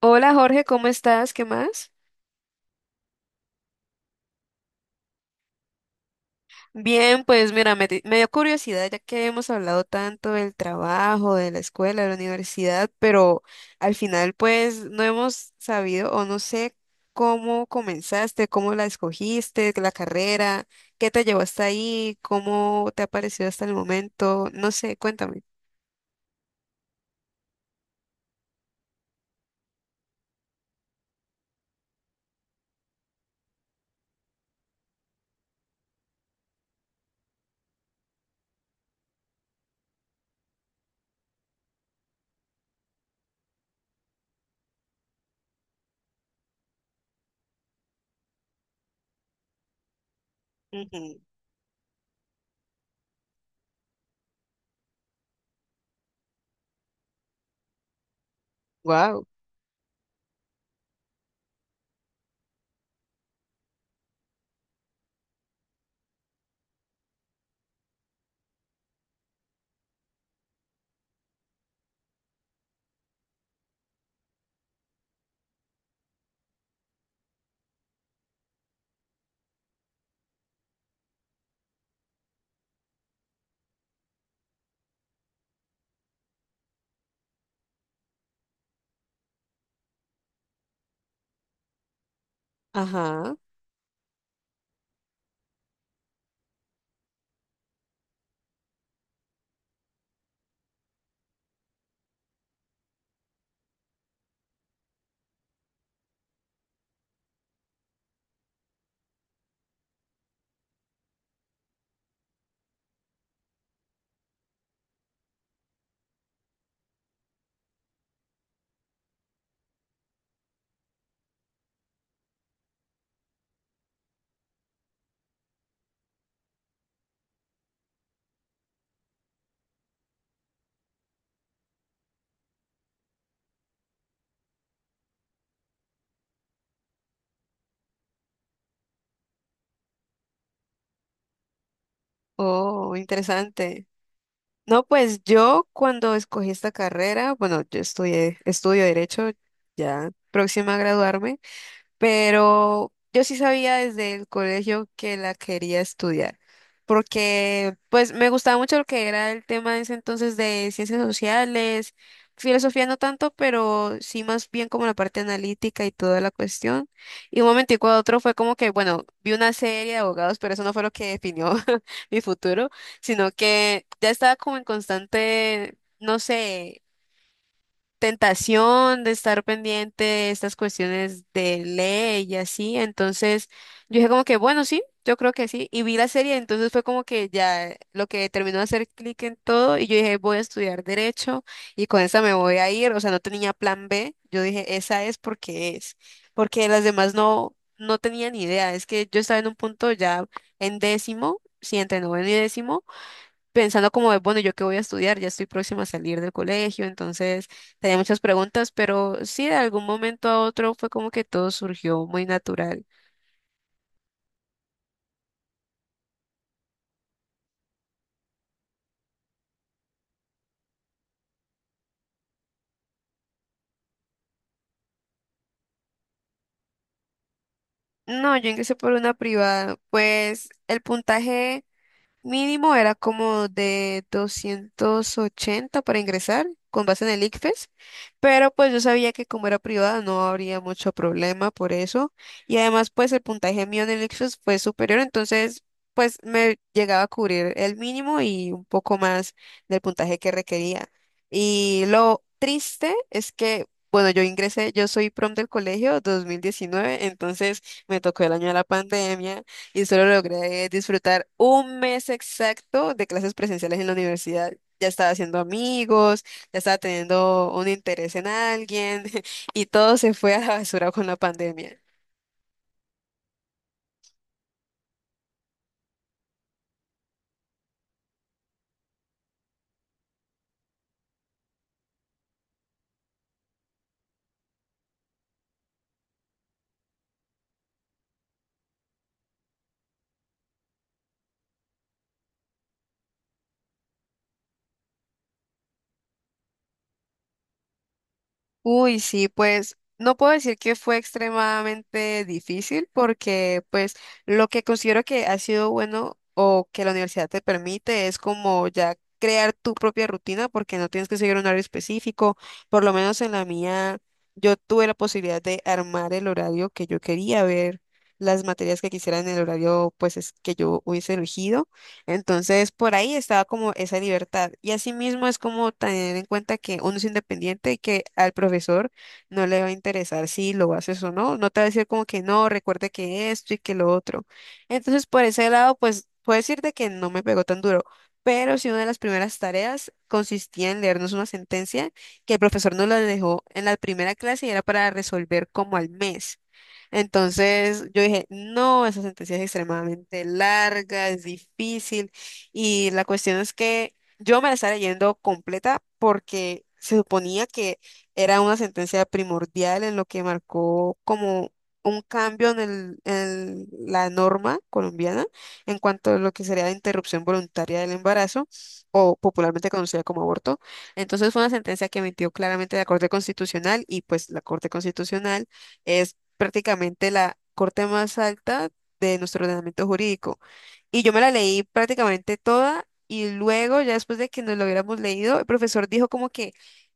Hola Jorge, ¿cómo estás? ¿Qué más? Bien, pues mira, me dio curiosidad ya que hemos hablado tanto del trabajo, de la escuela, de la universidad, pero al final pues no hemos sabido o no sé cómo comenzaste, cómo la escogiste, la carrera, qué te llevó hasta ahí, cómo te ha parecido hasta el momento, no sé, cuéntame. Wow. Ajá. Oh, interesante. No, pues yo cuando escogí esta carrera, bueno, yo estudié, estudio derecho, ya próxima a graduarme, pero yo sí sabía desde el colegio que la quería estudiar, porque pues me gustaba mucho lo que era el tema de ese entonces de ciencias sociales, filosofía no tanto, pero sí más bien como la parte analítica y toda la cuestión. Y un momentico a otro fue como que, bueno, vi una serie de abogados, pero eso no fue lo que definió mi futuro, sino que ya estaba como en constante, no sé, tentación de estar pendiente de estas cuestiones de ley y así. Entonces yo dije como que, bueno, sí, yo creo que sí. Y vi la serie, entonces fue como que ya lo que terminó de hacer clic en todo y yo dije, voy a estudiar derecho y con esa me voy a ir. O sea, no tenía plan B. Yo dije, esa es. Porque las demás no, no tenía ni idea. Es que yo estaba en un punto ya en décimo, sí, entre noveno y décimo, pensando como de, bueno, ¿yo qué voy a estudiar? Ya estoy próxima a salir del colegio, entonces tenía muchas preguntas, pero sí, de algún momento a otro fue como que todo surgió muy natural. No, yo ingresé por una privada, pues el puntaje mínimo era como de 280 para ingresar con base en el ICFES, pero pues yo sabía que como era privada no habría mucho problema por eso, y además pues el puntaje mío en el ICFES fue superior, entonces pues me llegaba a cubrir el mínimo y un poco más del puntaje que requería. Y lo triste es que, bueno, yo ingresé, yo soy prom del colegio 2019, entonces me tocó el año de la pandemia y solo logré disfrutar un mes exacto de clases presenciales en la universidad. Ya estaba haciendo amigos, ya estaba teniendo un interés en alguien, y todo se fue a la basura con la pandemia. Uy, sí, pues no puedo decir que fue extremadamente difícil, porque pues lo que considero que ha sido bueno o que la universidad te permite es como ya crear tu propia rutina porque no tienes que seguir un horario específico. Por lo menos en la mía yo tuve la posibilidad de armar el horario que yo quería, ver las materias que quisiera en el horario pues es que yo hubiese elegido. Entonces, por ahí estaba como esa libertad. Y asimismo es como tener en cuenta que uno es independiente y que al profesor no le va a interesar si lo haces o no. No te va a decir como que no, recuerde que esto y que lo otro. Entonces, por ese lado, pues puedo decirte que no me pegó tan duro. Pero sí, una de las primeras tareas consistía en leernos una sentencia que el profesor nos la dejó en la primera clase y era para resolver como al mes. Entonces yo dije, no, esa sentencia es extremadamente larga, es difícil, y la cuestión es que yo me la estaba leyendo completa porque se suponía que era una sentencia primordial en lo que marcó como un cambio en el, en la norma colombiana en cuanto a lo que sería la interrupción voluntaria del embarazo o popularmente conocida como aborto. Entonces fue una sentencia que emitió claramente la Corte Constitucional, y pues la Corte Constitucional es prácticamente la corte más alta de nuestro ordenamiento jurídico. Y yo me la leí prácticamente toda y luego, ya después de que nos lo hubiéramos leído, el profesor dijo como que,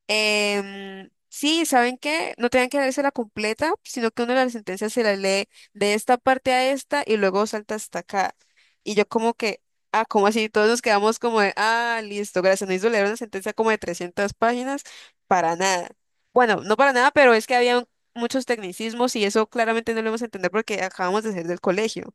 sí, ¿saben qué? No tengan que leerse la completa, sino que una de las sentencias se la lee de esta parte a esta y luego salta hasta acá. Y yo como que, ah, ¿cómo así? Todos nos quedamos como de, ah, listo, gracias, no hizo leer una sentencia como de 300 páginas, para nada. Bueno, no para nada, pero es que había muchos tecnicismos y eso claramente no lo vamos a entender porque acabamos de salir del colegio.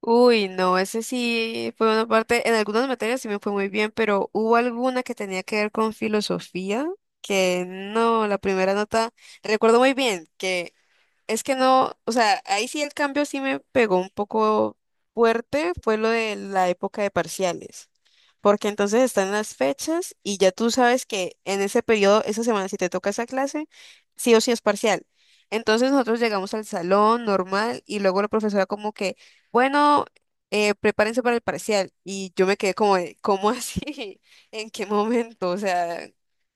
Uy, no, ese sí fue una parte, en algunas materias sí me fue muy bien, pero hubo alguna que tenía que ver con filosofía, que no, la primera nota, recuerdo muy bien que, es que no, o sea, ahí sí el cambio sí me pegó un poco fuerte, fue lo de la época de parciales, porque entonces están las fechas y ya tú sabes que en ese periodo, esa semana, si te toca esa clase, sí o sí es parcial. Entonces nosotros llegamos al salón normal y luego la profesora como que, bueno, prepárense para el parcial, y yo me quedé como, de, ¿cómo así? ¿En qué momento? O sea,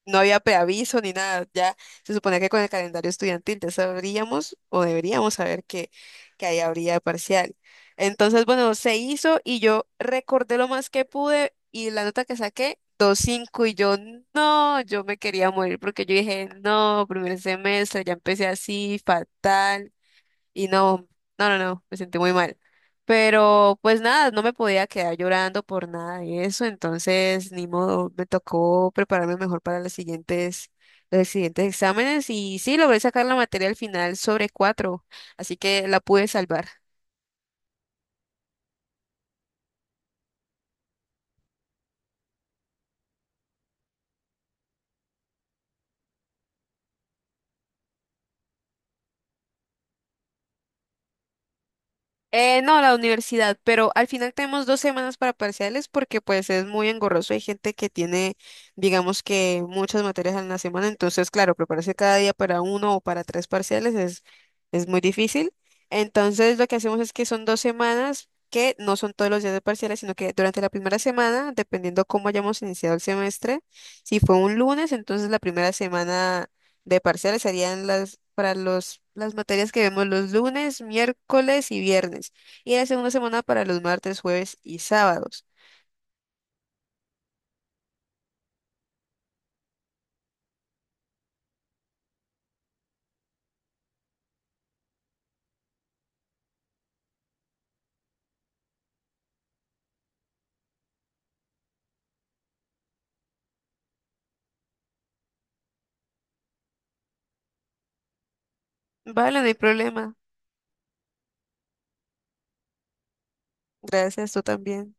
no había preaviso ni nada, ya. Se supone que con el calendario estudiantil ya sabríamos o deberíamos saber que ahí habría parcial. Entonces, bueno, se hizo y yo recordé lo más que pude y la nota que saqué, 2,5, y yo no, yo me quería morir porque yo dije, no, primer semestre, ya empecé así, fatal. Y no, no, no, no, me sentí muy mal. Pero pues nada, no me podía quedar llorando por nada de eso, entonces ni modo, me tocó prepararme mejor para los siguientes exámenes, y sí, logré sacar la materia al final sobre cuatro, así que la pude salvar. No, la universidad, pero al final tenemos dos semanas para parciales porque pues es muy engorroso. Hay gente que tiene, digamos, que muchas materias en la semana, entonces claro, prepararse cada día para uno o para tres parciales es muy difícil. Entonces lo que hacemos es que son dos semanas que no son todos los días de parciales, sino que durante la primera semana, dependiendo cómo hayamos iniciado el semestre, si fue un lunes, entonces la primera semana de parciales serían las para los las materias que vemos los lunes, miércoles y viernes, y la segunda semana para los martes, jueves y sábados. Vale, no hay problema. Gracias, tú también.